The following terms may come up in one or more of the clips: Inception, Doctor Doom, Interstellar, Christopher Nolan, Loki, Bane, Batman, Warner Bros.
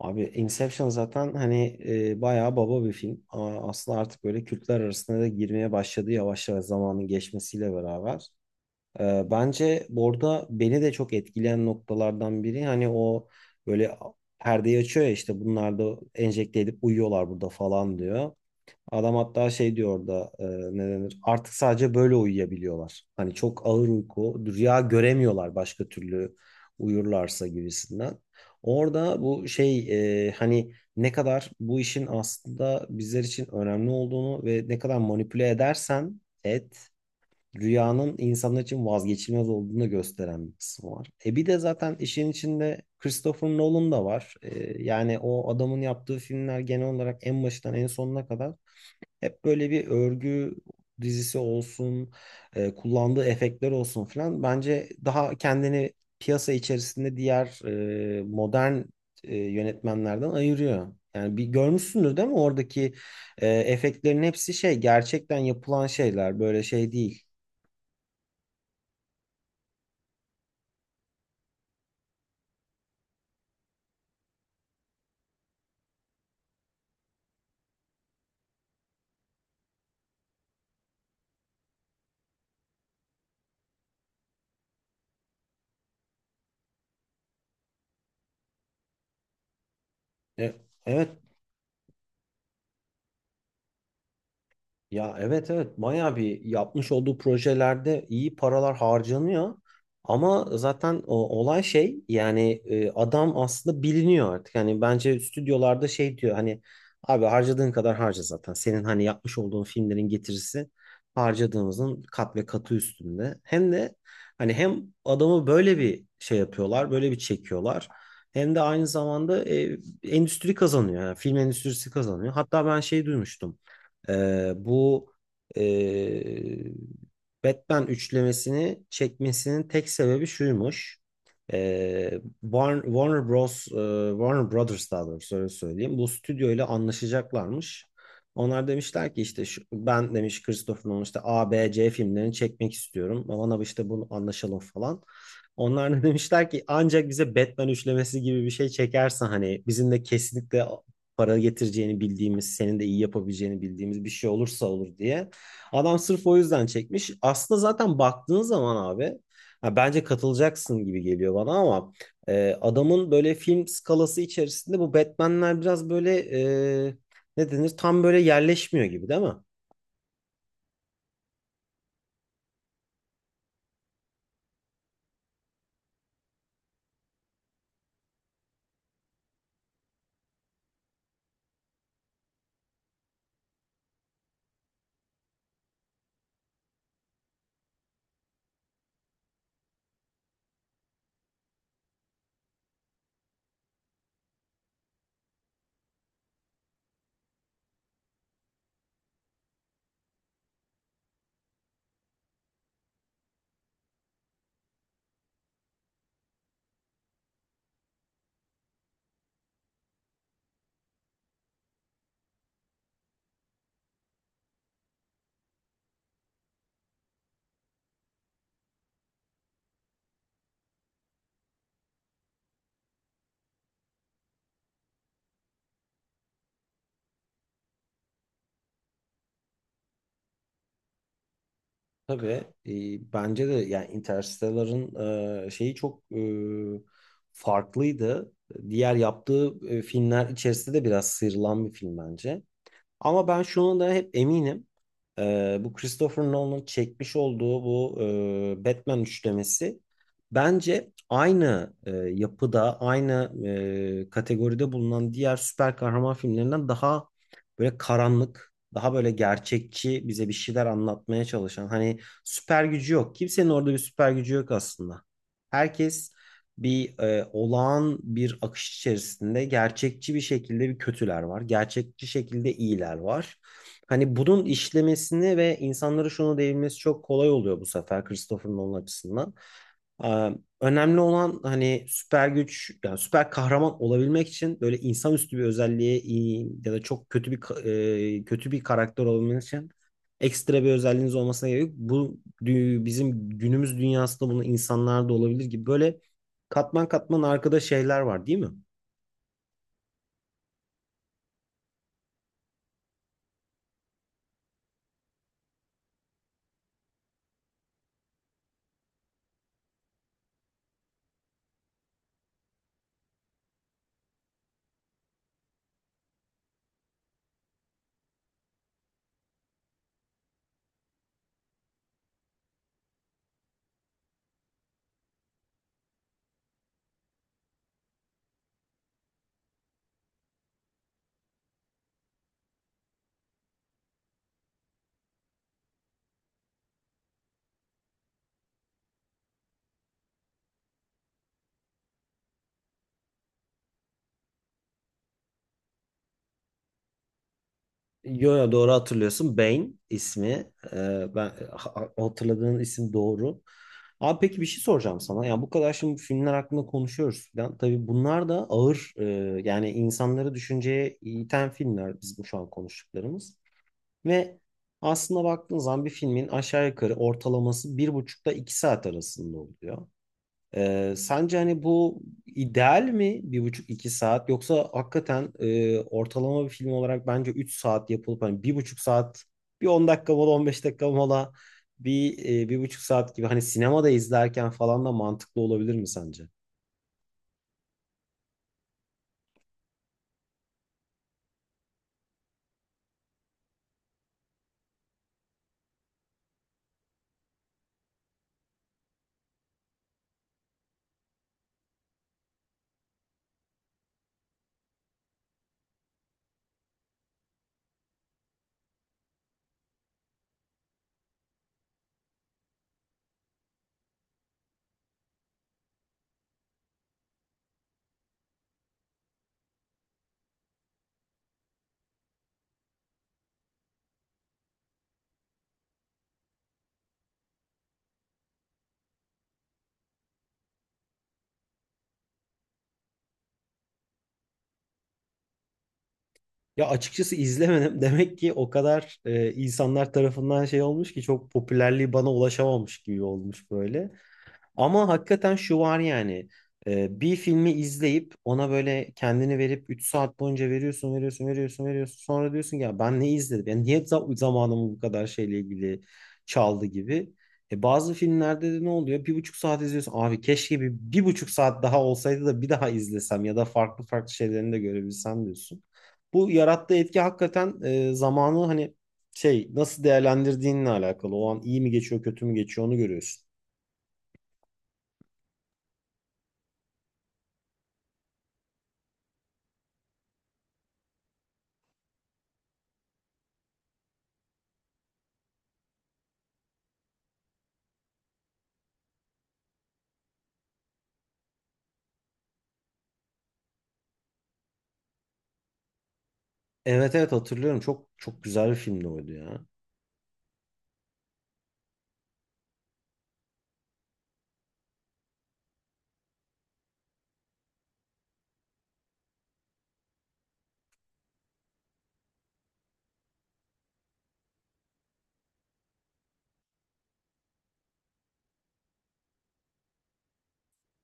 Abi Inception zaten hani bayağı baba bir film. Ama aslında artık böyle kültler arasında da girmeye başladı yavaş yavaş zamanın geçmesiyle beraber. Bence burada beni de çok etkileyen noktalardan biri hani o böyle perdeyi açıyor ya işte bunlar da enjekte edip uyuyorlar burada falan diyor. Adam hatta şey diyor orada ne denir? Artık sadece böyle uyuyabiliyorlar. Hani çok ağır uyku, rüya göremiyorlar başka türlü uyurlarsa gibisinden. Orada bu şey hani ne kadar bu işin aslında bizler için önemli olduğunu ve ne kadar manipüle edersen et rüyanın insanlar için vazgeçilmez olduğunu gösteren bir kısmı var. E bir de zaten işin içinde Christopher Nolan da var. Yani o adamın yaptığı filmler genel olarak en başından en sonuna kadar hep böyle bir örgü dizisi olsun, kullandığı efektler olsun filan. Bence daha kendini piyasa içerisinde diğer modern yönetmenlerden ayırıyor. Yani bir görmüşsündür değil mi? Oradaki efektlerin hepsi şey gerçekten yapılan şeyler. Böyle şey değil. E, Evet. Ya evet, evet, bayağı bir yapmış olduğu projelerde iyi paralar harcanıyor. Ama zaten o, olay şey yani adam aslında biliniyor artık. Hani bence stüdyolarda şey diyor hani abi harcadığın kadar harca zaten. Senin hani yapmış olduğun filmlerin getirisi harcadığımızın kat ve katı üstünde. Hem de hani hem adamı böyle bir şey yapıyorlar böyle bir çekiyorlar. Hem de aynı zamanda endüstri kazanıyor. Yani film endüstrisi kazanıyor. Hatta ben şey duymuştum. Bu e, Batman üçlemesini çekmesinin tek sebebi şuymuş. Ee, Warner Bros, Warner Brothers daha doğrusu öyle söyleyeyim. Bu stüdyo ile anlaşacaklarmış. Onlar demişler ki işte şu, ben demiş Christopher Nolan işte A, B, C filmlerini çekmek istiyorum. Bana işte bunu anlaşalım falan. Onlar da demişler ki ancak bize Batman üçlemesi gibi bir şey çekersen hani bizimle kesinlikle para getireceğini bildiğimiz, senin de iyi yapabileceğini bildiğimiz bir şey olursa olur diye. Adam sırf o yüzden çekmiş. Aslında zaten baktığın zaman abi ha, bence katılacaksın gibi geliyor bana ama adamın böyle film skalası içerisinde bu Batman'ler biraz böyle e, ne denir tam böyle yerleşmiyor gibi değil mi? Tabii bence de yani Interstellar'ın şeyi çok farklıydı. Diğer yaptığı filmler içerisinde de biraz sıyrılan bir film bence. Ama ben şu anda hep eminim. Bu Christopher Nolan'ın çekmiş olduğu bu Batman üçlemesi bence aynı yapıda, aynı kategoride bulunan diğer süper kahraman filmlerinden daha böyle karanlık, daha böyle gerçekçi bize bir şeyler anlatmaya çalışan. Hani süper gücü yok. Kimsenin orada bir süper gücü yok aslında. Herkes bir olağan bir akış içerisinde gerçekçi bir şekilde bir kötüler var. Gerçekçi şekilde iyiler var. Hani bunun işlemesini ve insanlara şunu değinmesi çok kolay oluyor bu sefer Christopher Nolan açısından. Ee, Önemli olan hani süper güç yani süper kahraman olabilmek için böyle insanüstü bir özelliğe iyi ya da çok kötü bir kötü bir karakter olabilmek için ekstra bir özelliğiniz olmasına gerek yok. Bu bizim günümüz dünyasında bunu insanlarda olabilir gibi böyle katman katman arkada şeyler var değil mi? Yo yo, doğru hatırlıyorsun. Bane ismi. Ben hatırladığın isim doğru. Abi peki bir şey soracağım sana. Yani bu kadar şimdi filmler hakkında konuşuyoruz falan. Tabii bunlar da ağır yani insanları düşünceye iten filmler biz bu şu an konuştuklarımız. Ve aslında baktığın zaman bir filmin aşağı yukarı ortalaması bir buçukta iki saat arasında oluyor. Sence hani bu ideal mi 1,5 - 2 saat yoksa hakikaten ortalama bir film olarak bence 3 saat yapılıp hani 1,5 saat bir 10 dakika mola 15 dakika mola bir 1,5 saat gibi hani sinemada izlerken falan da mantıklı olabilir mi sence? Ya açıkçası izlemedim demek ki o kadar insanlar tarafından şey olmuş ki çok popülerliği bana ulaşamamış gibi olmuş böyle. Ama hakikaten şu var yani. Bir filmi izleyip ona böyle kendini verip 3 saat boyunca veriyorsun, veriyorsun, veriyorsun, veriyorsun. Sonra diyorsun ki, ya ben ne izledim? Yani niye zamanımı bu kadar şeyle ilgili çaldı gibi. E, bazı filmlerde de ne oluyor? 1,5 saat izliyorsun. Abi keşke bir, 1,5 saat daha olsaydı da bir daha izlesem ya da farklı farklı şeylerini de görebilsem diyorsun. Bu yarattığı etki hakikaten zamanı hani şey nasıl değerlendirdiğinle alakalı. O an iyi mi geçiyor, kötü mü geçiyor onu görüyorsun. Evet, evet, hatırlıyorum. Çok çok güzel bir filmdi oydu ya.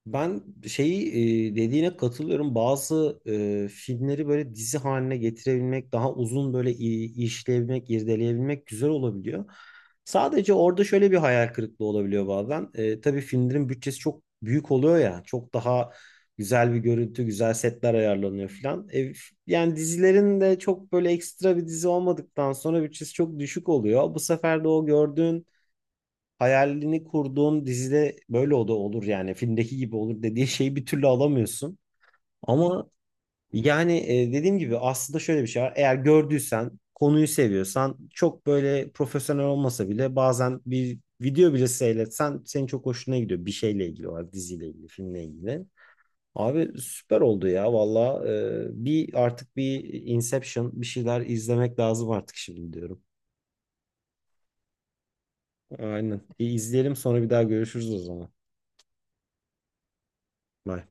Ben şeyi dediğine katılıyorum. Bazı filmleri böyle dizi haline getirebilmek, daha uzun böyle işleyebilmek, irdeleyebilmek güzel olabiliyor. Sadece orada şöyle bir hayal kırıklığı olabiliyor bazen. E, tabii filmlerin bütçesi çok büyük oluyor ya. Çok daha güzel bir görüntü, güzel setler ayarlanıyor falan. Yani dizilerin de çok böyle ekstra bir dizi olmadıktan sonra bütçesi çok düşük oluyor. Bu sefer de o gördüğün hayalini kurduğun dizide böyle o da olur yani filmdeki gibi olur dediği şeyi bir türlü alamıyorsun. Ama yani dediğim gibi aslında şöyle bir şey var. Eğer gördüysen, konuyu seviyorsan çok böyle profesyonel olmasa bile bazen bir video bile seyretsen senin çok hoşuna gidiyor bir şeyle ilgili olarak diziyle ilgili, filmle ilgili. Abi süper oldu ya valla. Bir artık bir Inception bir şeyler izlemek lazım artık şimdi diyorum. Aynen. Bir izleyelim sonra bir daha görüşürüz o zaman. Bye.